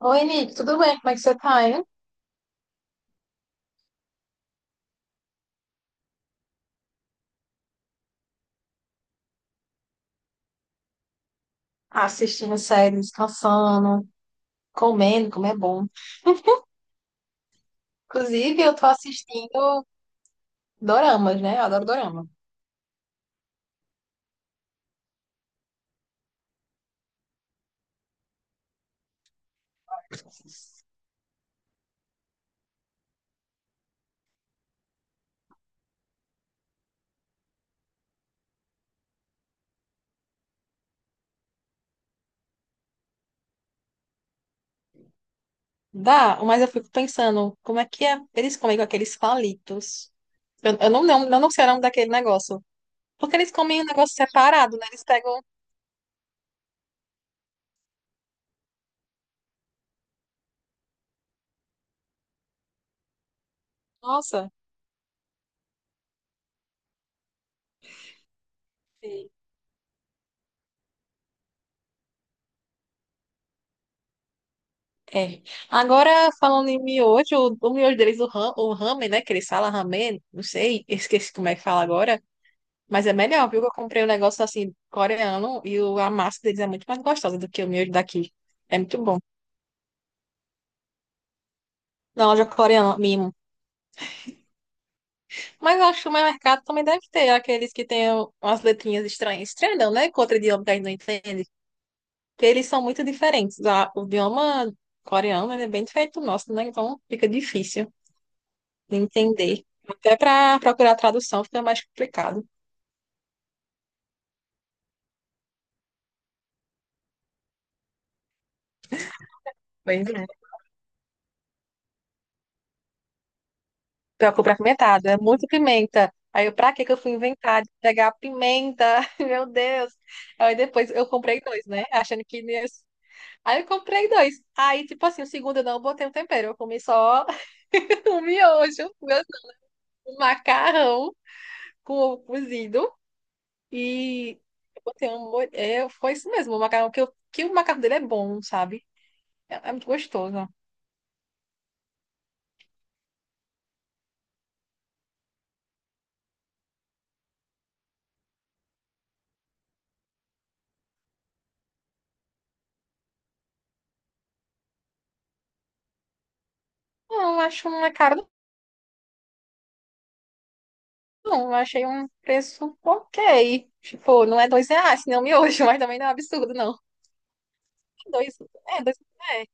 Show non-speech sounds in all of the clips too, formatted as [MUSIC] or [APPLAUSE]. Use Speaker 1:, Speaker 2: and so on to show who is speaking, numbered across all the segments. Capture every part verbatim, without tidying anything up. Speaker 1: Oi, Nick, tudo bem? Como é que você tá, hein? Assistindo série, descansando, comendo, como é bom. Inclusive, eu tô assistindo doramas, né? Eu adoro dorama. Dá, mas eu fico pensando, como é que é? Eles comem com aqueles palitos. Eu, eu não, não, eu não sei o nome daquele negócio. Porque eles comem um negócio separado, né? Eles pegam. Nossa. Sim. É. Agora, falando em miojo, o, o miojo deles, o, ram, o ramen, né? Que eles falam ramen, não sei, esqueci como é que fala agora. Mas é melhor, viu? Eu comprei um negócio assim, coreano, e o- a massa deles é muito mais gostosa do que o meu daqui. É muito bom. Na loja coreana, mimo. Mas eu acho que o meu mercado também deve ter aqueles que têm umas letrinhas estranhas. Estranho não, né? Com outro idioma que a gente não entende. Porque eles são muito diferentes. A- O idioma coreano, ele é bem diferente do nosso, né? Então fica difícil de entender. Até para procurar tradução fica mais complicado. Pois é. Pior que apimentado, é muito pimenta. Aí eu, pra que que eu fui inventar de pegar pimenta? [LAUGHS] Meu Deus. Aí depois eu comprei dois, né? Achando que não ia... Aí eu comprei dois. Aí, tipo assim, o segundo eu não botei um tempero. Eu comi só [LAUGHS] um miojo, meu- um macarrão com ovo cozido. E eu botei um... mo- É, foi isso mesmo, o macarrão. Que, eu... que o macarrão dele é bom, sabe? É, é muito gostoso. Não, eu acho uma cara. Não, eu achei um preço ok. Tipo, não é dois reais, não miojo, [LAUGHS] mas também não é um absurdo, não. É dois, é, dois, é.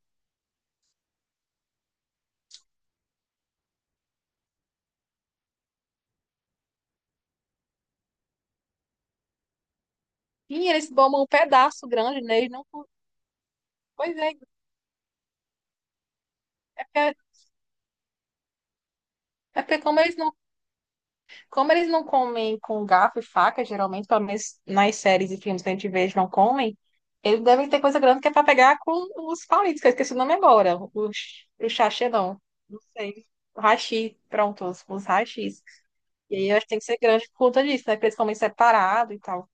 Speaker 1: E eles bombam um pedaço grande, né? Eles não, pois é, é porque, é porque como eles não, como eles não comem com garfo e faca, geralmente, pelo menos nas séries e filmes que a gente vê, eles não comem, eles devem ter coisa grande que é pra pegar com os palitos, que eu esqueci o nome agora. Os, o sachê, não. Não sei. O hashi, pronto, os, os hashis. E aí eu acho que tem que ser grande por conta disso, né? Porque eles comerem separado e tal.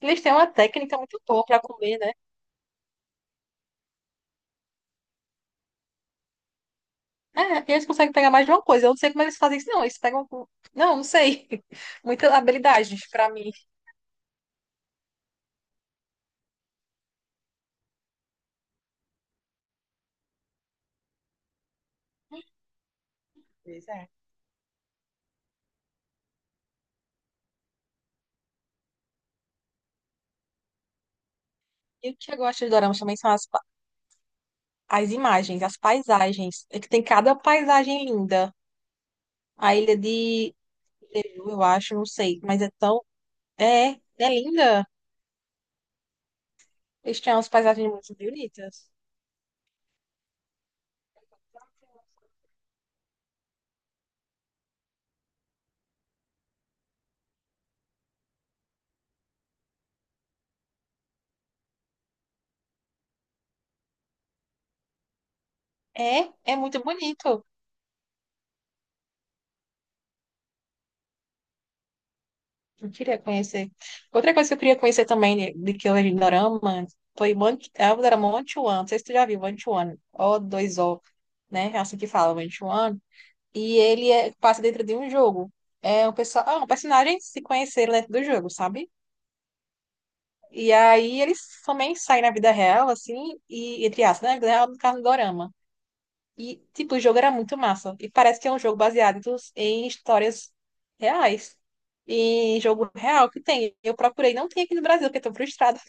Speaker 1: Eles têm uma técnica muito boa pra comer, né? É, eles conseguem pegar mais de uma coisa. Eu não sei como eles fazem isso, não. Eles pegam. com- Não, não sei. [LAUGHS] Muitas habilidades pra mim. Pois é. E o que eu gosto de Dorama também são as, pa- as imagens, as paisagens. É que tem cada paisagem linda. A ilha de Jeju, eu acho, não sei. Mas é tão. É, é linda. Eles têm umas paisagens muito bonitas. É, é muito bonito. Eu queria conhecer. Outra coisa que eu queria conhecer também, de, de que eu vejo em Dorama, foi Monte, era Monte One, não sei se tu já viu, Monte One, o dois o né? É assim que fala, Monte One. E ele é- passa dentro de um jogo. É um, pessoal, ah, um personagem se conheceram dentro do jogo, sabe? E aí eles também saem na vida real, assim, e entre aspas, né? Na vida real, no caso do Dorama. E, tipo, o jogo era muito massa. E parece que é um jogo baseado dos- em histórias reais. Em jogo real que tem. Eu procurei, não tem aqui no Brasil, porque eu tô frustrada.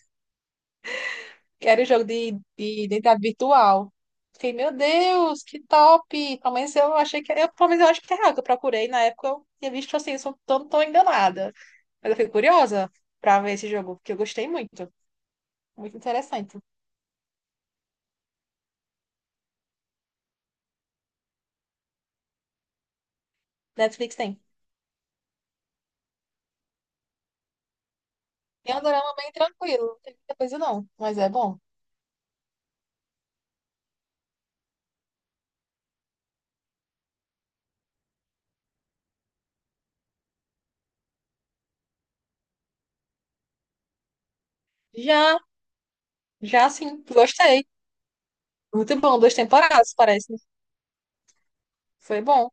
Speaker 1: Que era o jogo de, de identidade virtual. Fiquei, meu Deus, que top! Pelo menos eu achei que. Eu, pelo menos eu acho que é real que eu procurei. Na época eu tinha visto assim, eu sou- tô, tô enganada. Mas eu fiquei curiosa pra ver esse jogo, porque eu gostei muito. Muito interessante. Netflix tem. É um drama bem tranquilo, não tem muita coisa não, mas é bom. Já. Já sim, gostei. Muito bom, duas temporadas, parece. Foi bom.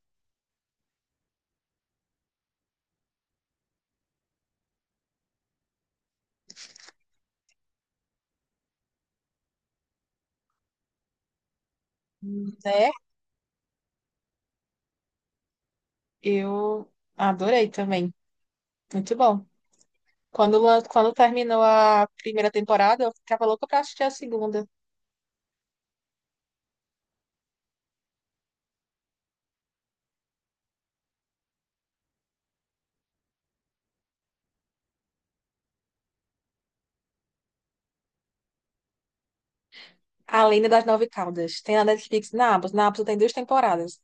Speaker 1: Né? Eu adorei também. Muito bom. Quando, lan- quando terminou a primeira temporada, eu ficava louca pra assistir a segunda. A Lenda das Nove Caudas. Tem na Netflix, na Amazon. Na Amazon tem duas temporadas.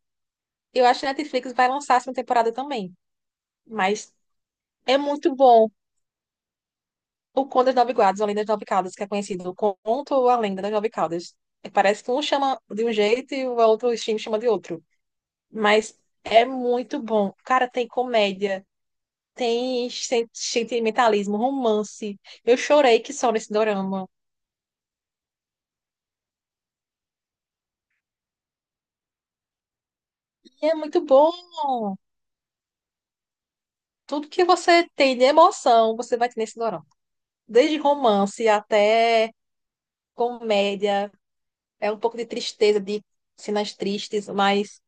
Speaker 1: Eu acho que a Netflix vai lançar a segunda temporada também. Mas é muito bom. O Conto das Nove Guardas, ou a Lenda das Nove Caudas, que é conhecido. O Conto ou a Lenda das Nove Caudas. Parece que um chama de um jeito e o outro stream chama de outro. Mas é muito bom. Cara, tem comédia, tem sen- sentimentalismo, romance. Eu chorei que só nesse dorama. E é muito bom. Tudo que você tem de emoção, você vai ter nesse dorama. Desde romance até comédia, é um pouco de tristeza, de cenas tristes, mas,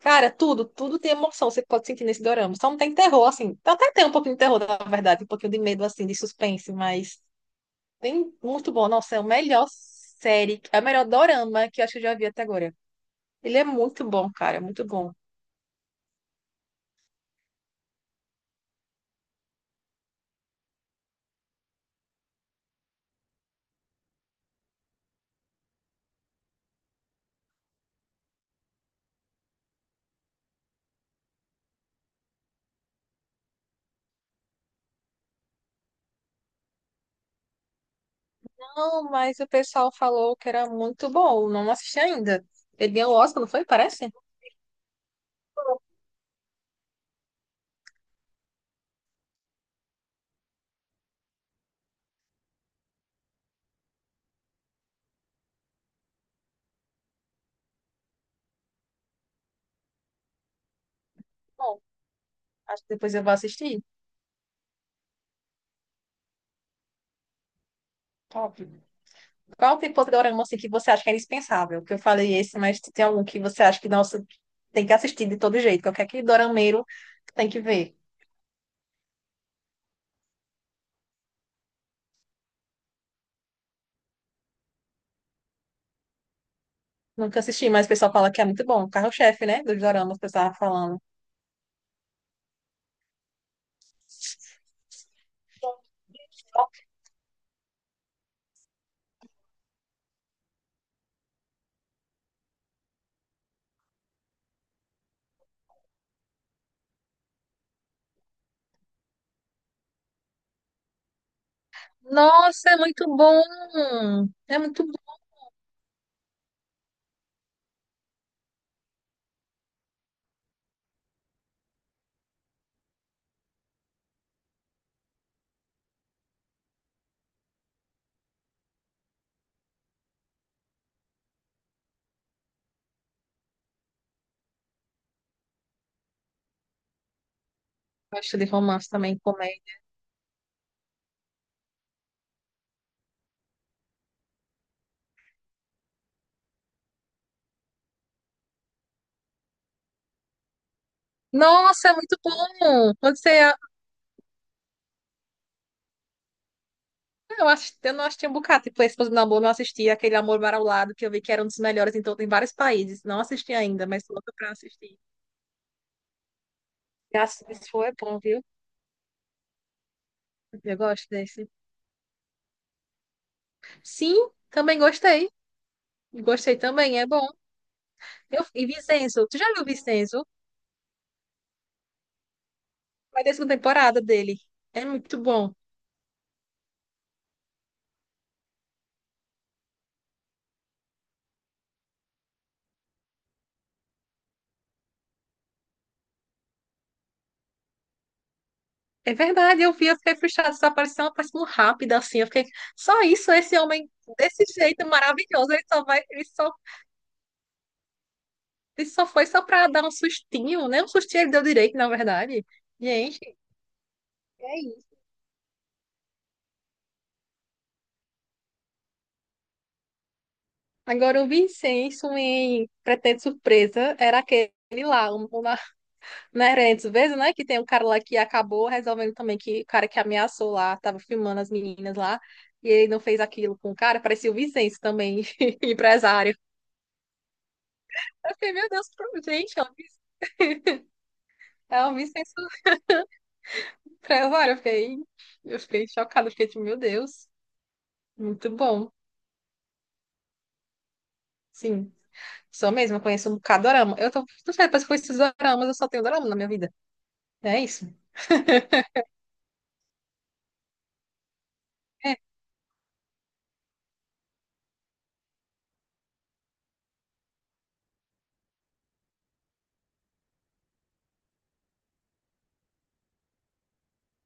Speaker 1: cara, tudo, tudo tem emoção, você pode sentir nesse dorama. Só não tem terror, assim. Até tem um pouquinho de terror, na verdade, um pouquinho de medo, assim, de suspense, mas tem muito bom. Nossa, é a melhor série, é o melhor dorama que eu acho que eu já vi até agora. Ele é muito bom, cara, muito bom. Não, mas o pessoal falou que era muito bom. Não assisti ainda. Ele ganhou o Oscar, não foi? Parece? Bom, acho que depois eu vou assistir. Top. Qual tipo de dorama assim, que você acha que é indispensável? Que eu falei esse, mas tem algum que você acha que, nossa, tem que assistir de todo jeito. Qualquer que dorameiro tem que ver. Nunca assisti, mas o pessoal fala que é muito bom. Carro-chefe, né? Dos doramas, o pessoal tava falando. Nossa, é muito bom. É muito bom. Eu gosto de romance também, comédia. Nossa, é muito bom. Quando você. Eu acho, eu não assisti um bocado. Tipo, Esposa do Namor, não assisti aquele Amor Para o Lado, que eu vi que era um dos melhores em, todo, em vários países. Não assisti ainda, mas tô louca pra assistir. Graças a Deus, foi é bom, viu? Eu gosto desse. Sim, também gostei. Gostei também, é bom. Eu, e Vincenzo, tu já viu Vincenzo? Vai ter segunda temporada dele. É muito bom. É verdade, eu vi, eu fiquei frustrada, essa aparição, aparição rápida, assim, eu fiquei, só isso, esse homem, desse jeito maravilhoso, ele só vai, ele só, ele só foi só pra dar um sustinho, né? Um sustinho ele deu direito, na verdade. Gente, é isso. Agora, o Vincenzo em Pretende Surpresa era aquele lá, o o na Nerentes, vezes, né? Que tem um cara lá que acabou resolvendo também que o cara que ameaçou lá, tava filmando as meninas lá, e ele não fez aquilo com o cara, parecia o Vincenzo também, [LAUGHS] empresário. Eu fiquei, meu Deus, gente, ela me censurou pra ela, olha, eu fiquei, eu fiquei chocada, fiquei tipo, meu Deus, muito bom. Sim, sou mesmo, eu conheço um bocado de dorama. Eu tô, não sei, depois que eu conheci os doramas, eu só tenho dorama na minha vida. É isso. É,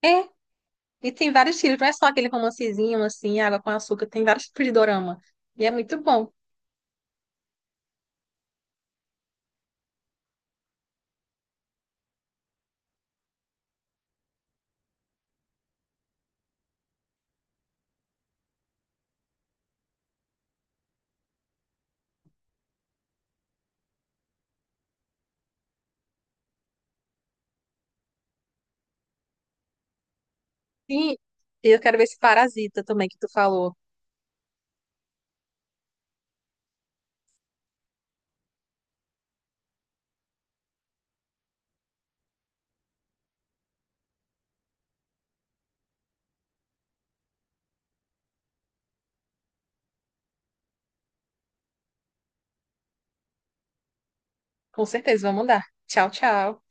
Speaker 1: é. E tem vários tipos, não é só aquele romancezinho assim, água com açúcar, tem vários tipos de dorama. E é muito bom. Sim, e eu quero ver esse Parasita também que tu falou. Com certeza, vou mandar. Tchau, tchau.